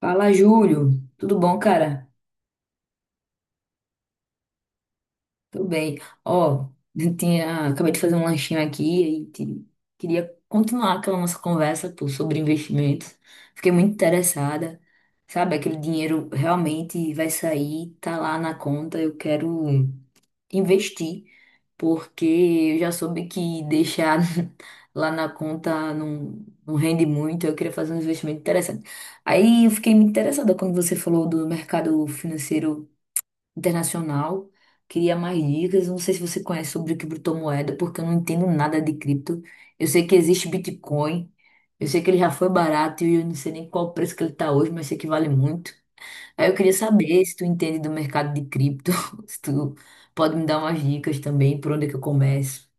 Fala, Júlio. Tudo bom, cara? Tudo bem. Ó, acabei de fazer um lanchinho aqui e queria continuar aquela nossa conversa, pô, sobre investimentos. Fiquei muito interessada. Sabe, aquele dinheiro realmente vai sair, tá lá na conta. Eu quero investir, porque eu já soube que deixar lá na conta não rende muito. Eu queria fazer um investimento interessante. Aí eu fiquei muito interessada quando você falou do mercado financeiro internacional. Queria mais dicas. Não sei se você conhece sobre criptomoeda, porque eu não entendo nada de cripto. Eu sei que existe Bitcoin. Eu sei que ele já foi barato e eu não sei nem qual o preço que ele está hoje, mas sei que vale muito. Aí eu queria saber se tu entende do mercado de cripto, se tu pode me dar umas dicas também, por onde é que eu começo.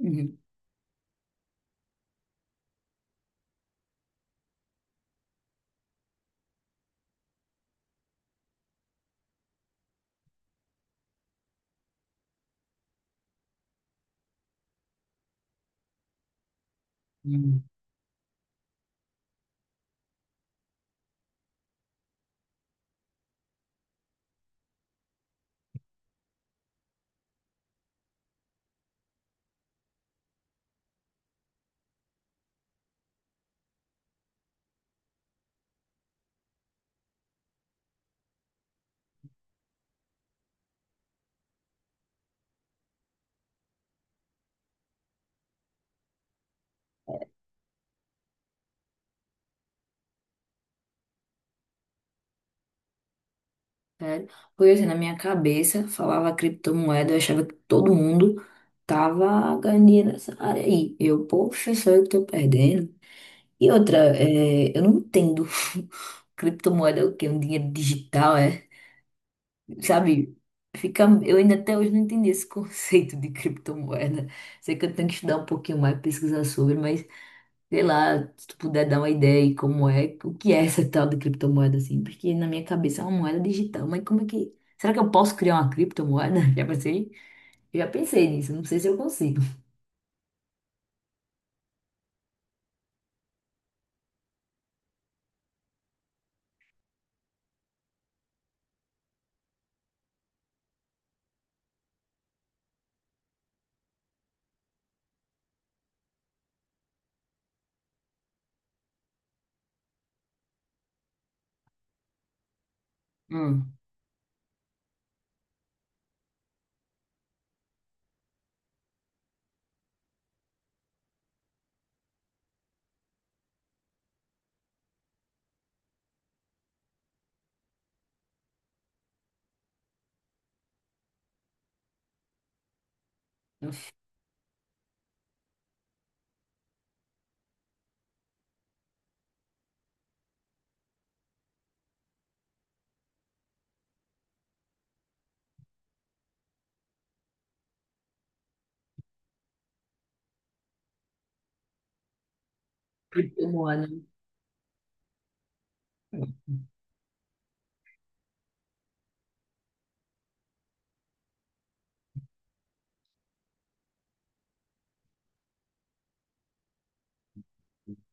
Uhum. Hum. Sério? Porque assim, na minha cabeça falava criptomoeda, eu achava que todo mundo tava ganhando nessa área aí. Eu, poxa, sou eu tô perdendo. E outra, é, eu não entendo. Criptomoeda é o quê? Um dinheiro digital, é? Sabe? Fica, eu ainda até hoje não entendi esse conceito de criptomoeda. Sei que eu tenho que estudar um pouquinho mais, pesquisar sobre, mas sei lá, se tu puder dar uma ideia aí como é, o que é essa tal de criptomoeda, assim, porque na minha cabeça é uma moeda digital, mas como é que. Será que eu posso criar uma criptomoeda? Já pensei? Eu já pensei nisso, não sei se eu consigo. Hum, uma criptomoeda. Hum,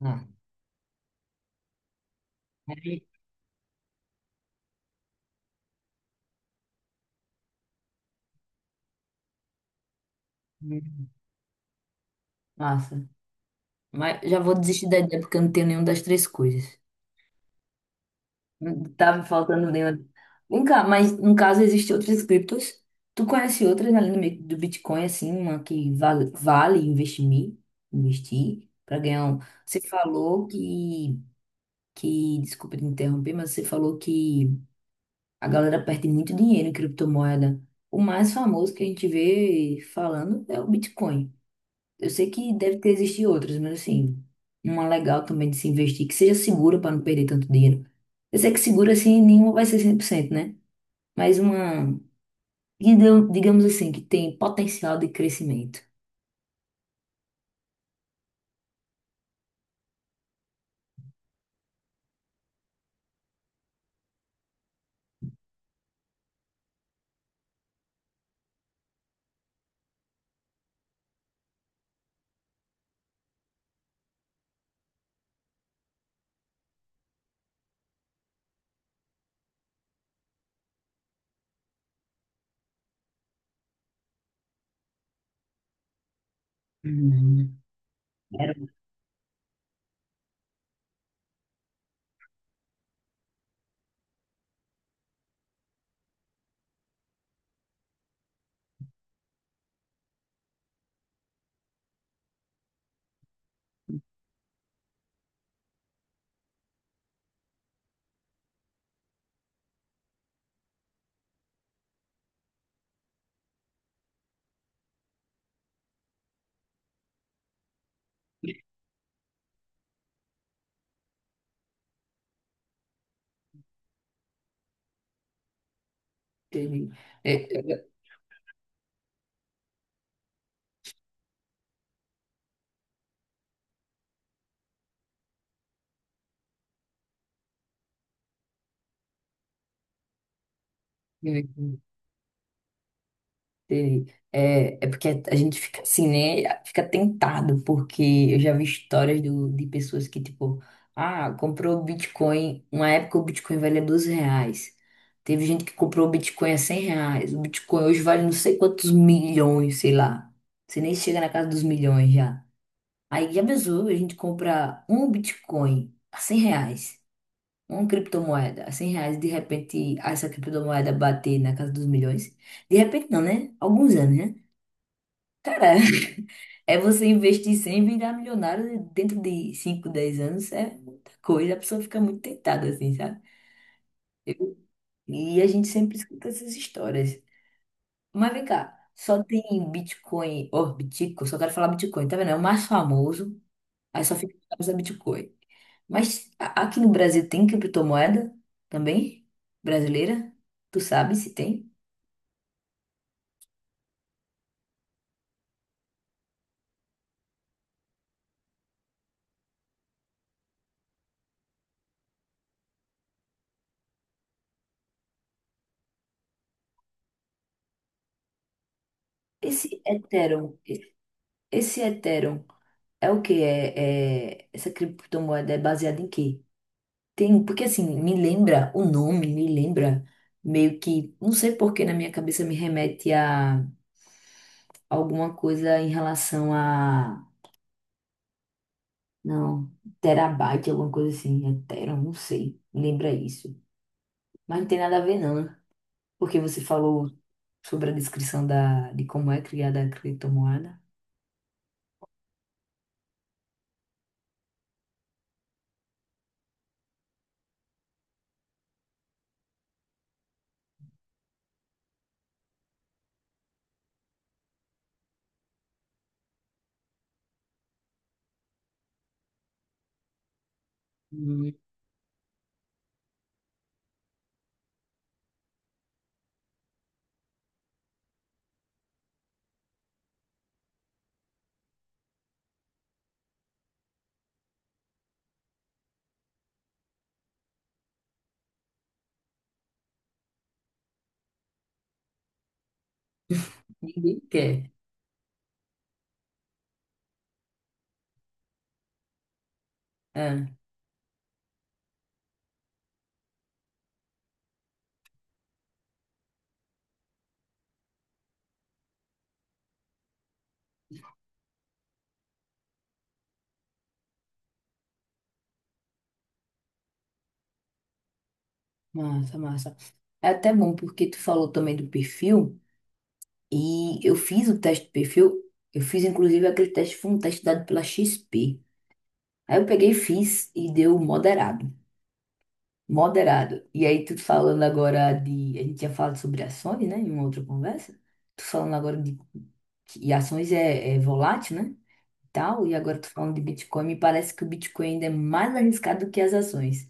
Ah, aí, hum, massa. Mas já vou desistir da ideia porque eu não tenho nenhuma das três coisas. Não tá me faltando nenhuma. Vem cá, mas no caso existem outras criptos. Tu conhece outras além do do Bitcoin, assim, uma que vale, vale investir, investir para ganhar um. Você falou que desculpa te interromper, mas você falou que a galera perde muito dinheiro em criptomoeda. O mais famoso que a gente vê falando é o Bitcoin. Eu sei que deve ter existido outras, mas assim, uma legal também de se investir, que seja segura para não perder tanto dinheiro. Eu sei que segura assim, nenhuma vai ser 100%, né? Mas uma, digamos assim, que tem potencial de crescimento. Hum. Era- teve- é, é, é, Entendi. É porque a gente fica assim, né? Fica tentado, porque eu já vi histórias do, de pessoas que, tipo, ah, comprou o Bitcoin. Uma época o Bitcoin valia 12 reais. Teve gente que comprou o Bitcoin a 100 reais. O Bitcoin hoje vale não sei quantos milhões, sei lá. Você nem chega na casa dos milhões já. Aí já pensou, a gente compra um Bitcoin a 100 reais, uma criptomoeda a 100 reais, de repente essa criptomoeda bater na casa dos milhões. De repente não, né? Alguns anos, né? Cara, é você investir 100 e virar milionário dentro de 5, 10 anos é muita coisa. A pessoa fica muito tentada, assim, sabe? E a gente sempre escuta essas histórias. Mas vem cá, só tem Bitcoin, ó, Bitcoin, só quero falar Bitcoin, tá vendo? É o mais famoso, aí só fica a Bitcoin. Mas aqui no Brasil tem criptomoeda também? Brasileira? Tu sabe se tem? Esse Ethereum, esse Ethereum é o quê? Essa criptomoeda é baseada em quê? Tem, porque assim, me lembra o nome, me lembra meio que, não sei por que na minha cabeça me remete a alguma coisa em relação a, não, terabyte, alguma coisa assim, é tera, não sei, lembra isso. Mas não tem nada a ver não, né? Porque você falou sobre a descrição da, de como é criada a criptomoeda. Hum. Ninguém quer. É, massa, massa. É até bom porque tu falou também do perfil. E eu fiz o teste de perfil, eu fiz inclusive aquele teste, foi um teste dado pela XP. Aí eu peguei e fiz e deu moderado. Moderado. E aí tu falando agora de. A gente tinha falado sobre ações, né? Em uma outra conversa. Tu falando agora de. E ações é volátil, né? E tal, e agora tu falando de Bitcoin, me parece que o Bitcoin ainda é mais arriscado do que as ações.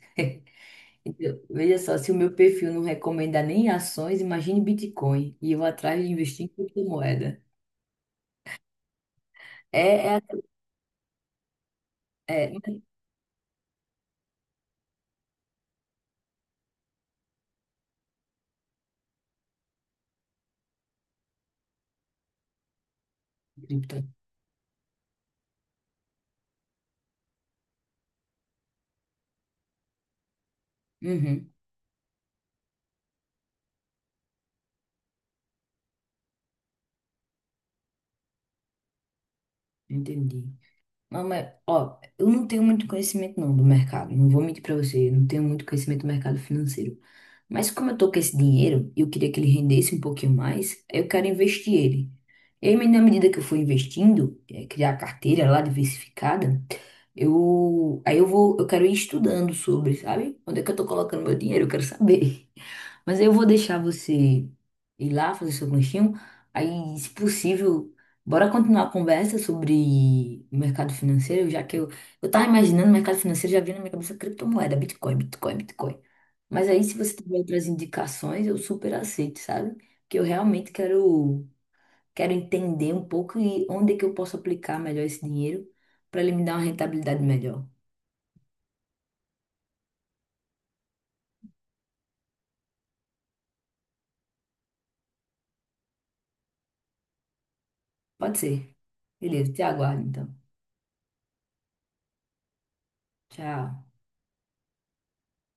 Então, veja só, se o meu perfil não recomenda nem ações, imagine Bitcoin. E eu atrás de investir em criptomoeda. É, é, é. Cripto. Uhum, entendi. Não, mas, ó, eu não tenho muito conhecimento não do mercado. Não vou mentir pra você, eu não tenho muito conhecimento do mercado financeiro. Mas como eu tô com esse dinheiro e eu queria que ele rendesse um pouquinho mais, eu quero investir ele. E aí, na medida que eu for investindo, criar a carteira lá diversificada, eu aí eu vou, eu quero ir estudando sobre, sabe? Onde é que eu tô colocando meu dinheiro? Eu quero saber. Mas aí eu vou deixar você ir lá fazer seu lanchinho. Aí, se possível, bora continuar a conversa sobre o mercado financeiro, já que eu tava imaginando o mercado financeiro, já vinha na minha cabeça criptomoeda, Bitcoin, Bitcoin, Bitcoin. Mas aí, se você tiver outras indicações, eu super aceito, sabe? Que eu realmente quero, quero entender um pouco e onde é que eu posso aplicar melhor esse dinheiro para ele me dar uma rentabilidade melhor. Pode ser. Beleza, te aguardo então. Tchau.